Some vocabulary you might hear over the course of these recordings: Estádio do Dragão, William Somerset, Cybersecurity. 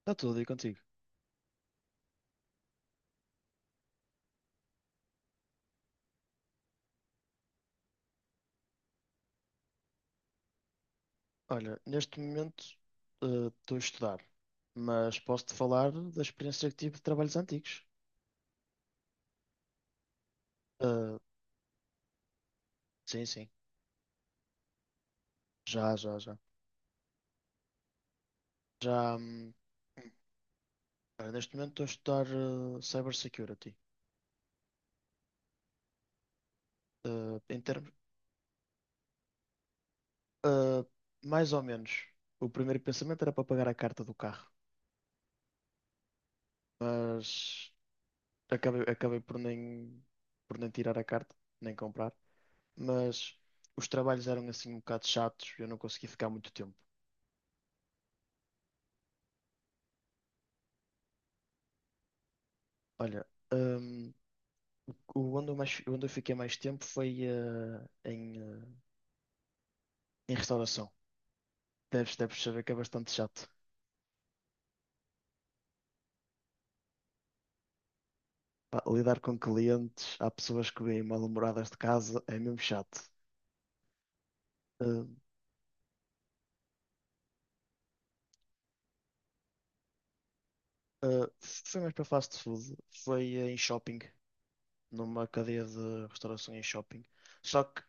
Está tudo aí contigo. Olha, neste momento estou a estudar, mas posso-te falar da experiência que tive de trabalhos antigos. Eh, sim, sim, já, já, já. Já, olha, neste momento estou a estudar Cybersecurity. Eh, em termos, eh, Mais ou menos, o primeiro pensamento era para pagar a carta do carro, mas acabei por nem tirar a carta, nem comprar. Mas os trabalhos eram assim um bocado chatos, eu não consegui ficar muito tempo. Olha, hum, o onde eu mais, onde eu fiquei mais tempo foi em, eh, em restauração. Deves saber que é bastante chato. Pá, lidar com clientes, há pessoas que vêm mal-humoradas de casa, é mesmo chato. Eh, Foi mais para fast food, foi em shopping, numa cadeia de restauração em shopping. Só que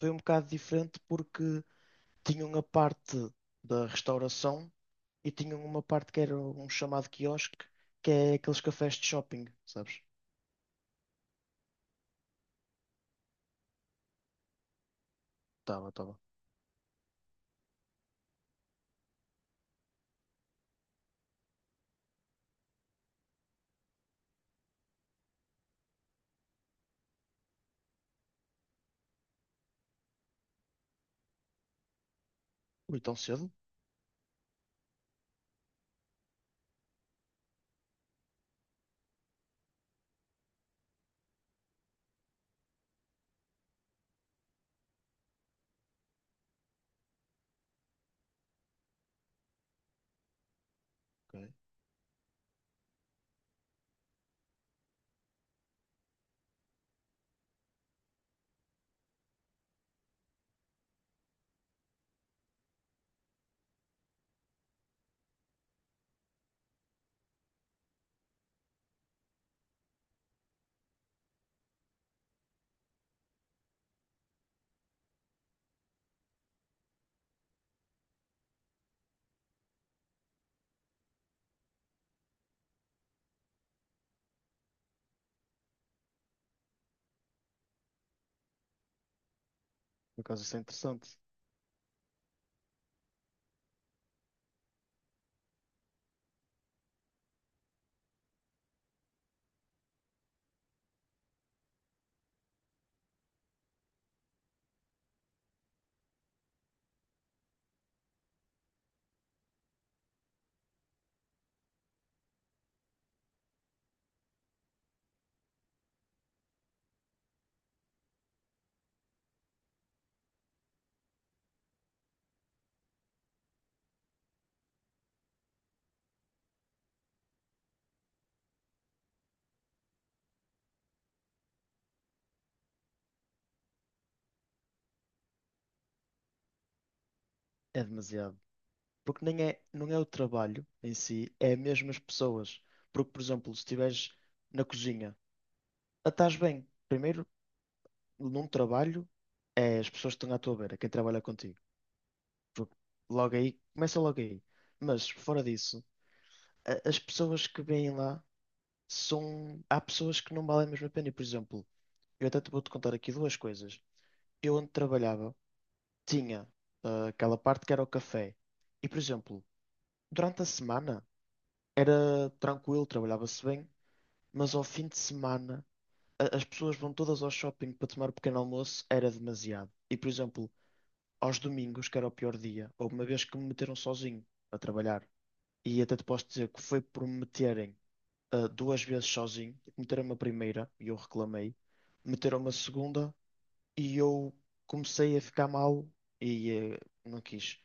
foi um bocado diferente porque tinham a parte da restauração e tinham uma parte que era um chamado quiosque, que é aqueles cafés de shopping, sabes? Tava, tava. Ui, tão cedo? Ok. Por acaso isso é interessante. É demasiado. Porque nem é, não é o trabalho em si, é mesmo as pessoas. Porque, por exemplo, se estiveres na cozinha, ah, estás bem. Primeiro, num trabalho, é as pessoas que estão à tua beira, quem trabalha contigo. Porque logo aí, começa logo aí. Mas, fora disso, as pessoas que vêm lá são. Há pessoas que não valem mesmo a pena. E, por exemplo, eu até te vou-te contar aqui duas coisas. Eu, onde trabalhava, tinha aquela parte que era o café. E, por exemplo, durante a semana era tranquilo, trabalhava-se bem, mas ao fim de semana as pessoas vão todas ao shopping para tomar o pequeno almoço, era demasiado. E, por exemplo, aos domingos, que era o pior dia, houve uma vez que me meteram sozinho a trabalhar. E até te posso dizer que foi por me meterem duas vezes sozinho, meteram-me a primeira e eu reclamei, meteram-me a segunda e eu comecei a ficar mal e não quis.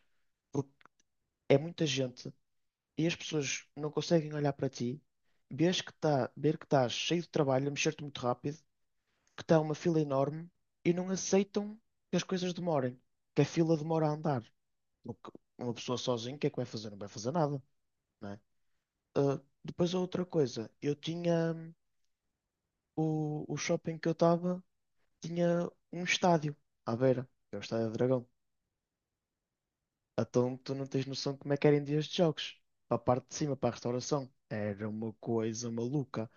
É muita gente e as pessoas não conseguem olhar para ti, ver que estás cheio de trabalho, a mexer-te muito rápido, que está uma fila enorme e não aceitam que as coisas demorem, que a fila demora a andar. O que uma pessoa sozinha, o que é que vai fazer? Não vai fazer nada, não é? Ah, depois a outra coisa, eu tinha o shopping que eu estava, tinha um estádio à beira, que é o Estádio do Dragão. Então tu não tens noção de como é que eram dias de jogos. Para a parte de cima, para a restauração. Era uma coisa maluca.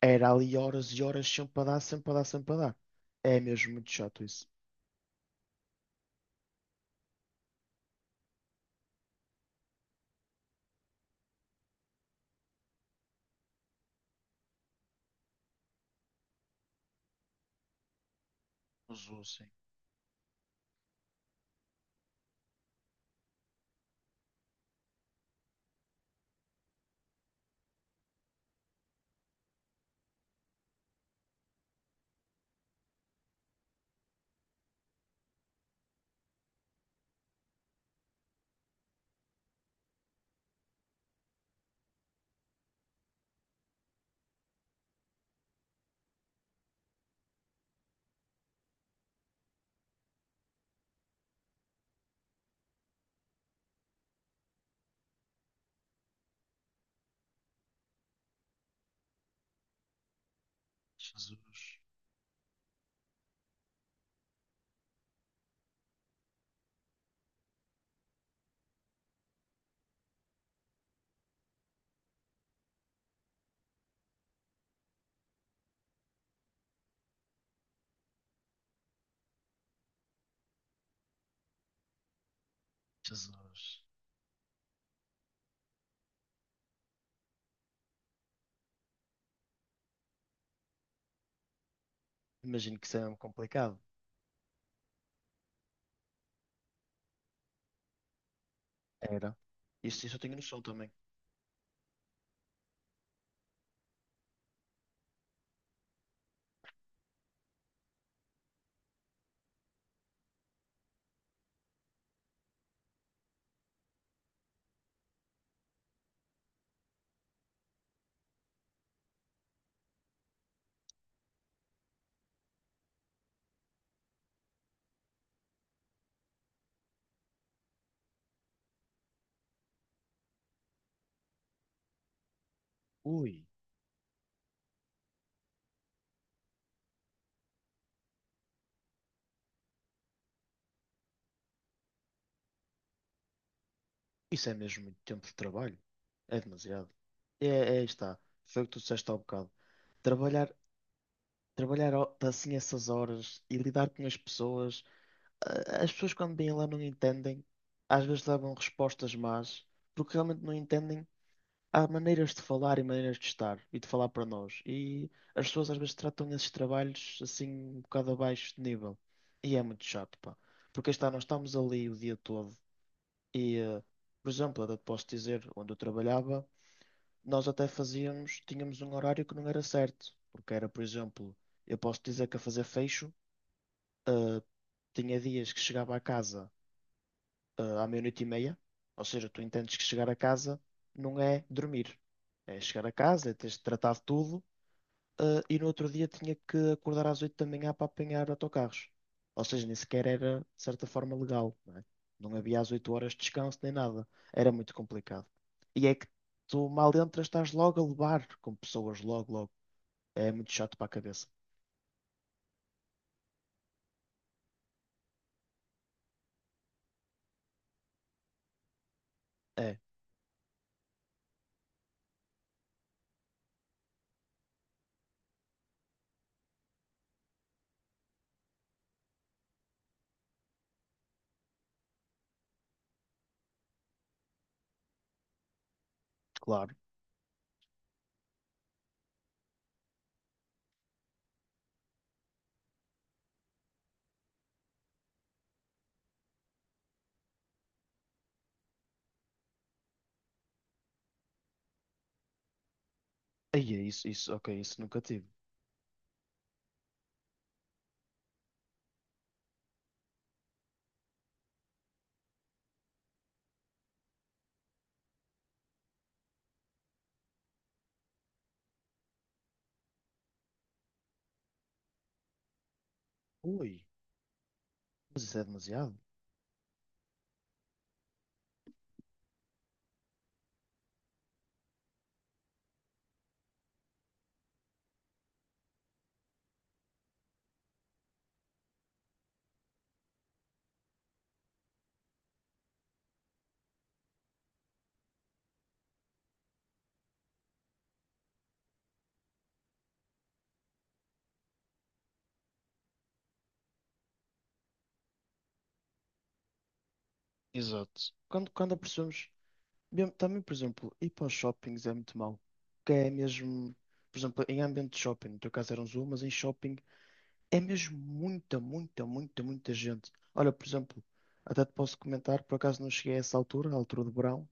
Era ali horas e horas sempre a dar, sempre a dar, sempre a dar. É mesmo muito chato isso. Jesus, sim. Jesus, Jesus. Imagino que isso é mesmo complicado. Era. Isso eu tenho noção também. Ui, isso é mesmo muito tempo de trabalho. É demasiado. É, é, aí está. Foi o que tu disseste há um bocado. Trabalhar, trabalhar assim essas horas e lidar com as pessoas As pessoas quando vêm lá não entendem, às vezes levam respostas más, porque realmente não entendem. Há maneiras de falar e maneiras de estar e de falar para nós. E as pessoas às vezes tratam esses trabalhos assim um bocado abaixo de nível. E é muito chato, pá. Porque aí está, nós estamos ali o dia todo. E, por exemplo, eu posso dizer, onde eu trabalhava, nós até fazíamos, tínhamos um horário que não era certo. Porque era, por exemplo, eu posso dizer que a fazer fecho, eh, tinha dias que chegava a casa à meia-noite e meia. Ou seja, tu entendes que chegar a casa não é dormir. É chegar a casa, é teres de tratar de tudo. Eh, e no outro dia tinha que acordar às 8 da manhã para apanhar autocarros. Ou seja, nem sequer era, de certa forma, legal. Não é? Não havia às 8 horas de descanso nem nada. Era muito complicado. E é que tu mal entras, estás logo a levar com pessoas, logo, logo. É muito chato para a cabeça. É, claro. Aí é isso, isso, ok, isso nunca tive. Ui, mas isso é demasiado. Exato. Quando, quando apercebemos. Mesmo- Também, por exemplo, ir para os shoppings é muito mau. Que é mesmo, por exemplo, em ambiente de shopping, no teu caso era um zoo, mas em shopping é mesmo muita, muita, muita, muita gente. Olha, por exemplo, até te posso comentar, por acaso não cheguei a essa altura, à altura do verão,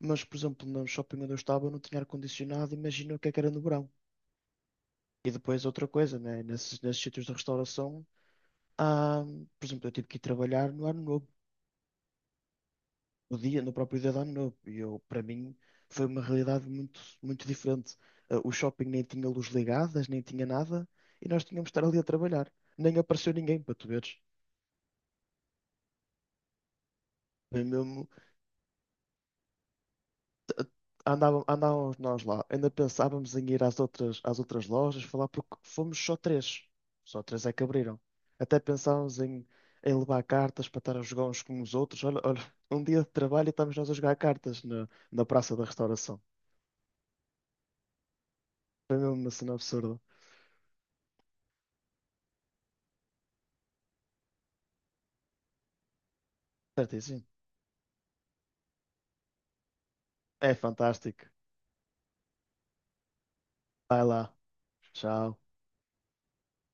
mas, por exemplo, no shopping onde eu estava não tinha ar-condicionado, imagina o que é que era no verão. E depois outra coisa, né? Nesses sítios de restauração, há, por exemplo, eu tive que ir trabalhar no ano novo. No dia, no próprio dia de Ano Novo. E eu, para mim, foi uma realidade muito, muito diferente. Ah, o shopping nem tinha luz ligadas, nem tinha nada, e nós tínhamos de estar ali a trabalhar. Nem apareceu ninguém, para tu veres. Foi mesmo, andávamos nós lá, ainda pensávamos em ir às outras lojas falar, porque fomos só três. Só três é que abriram. Até pensávamos em, em levar cartas para estar a jogar uns com os outros. Olha, olha, um dia de trabalho e estamos nós a jogar cartas na, na Praça da Restauração. Foi mesmo uma cena absurda. Certíssimo. É fantástico. Vai lá. Tchau.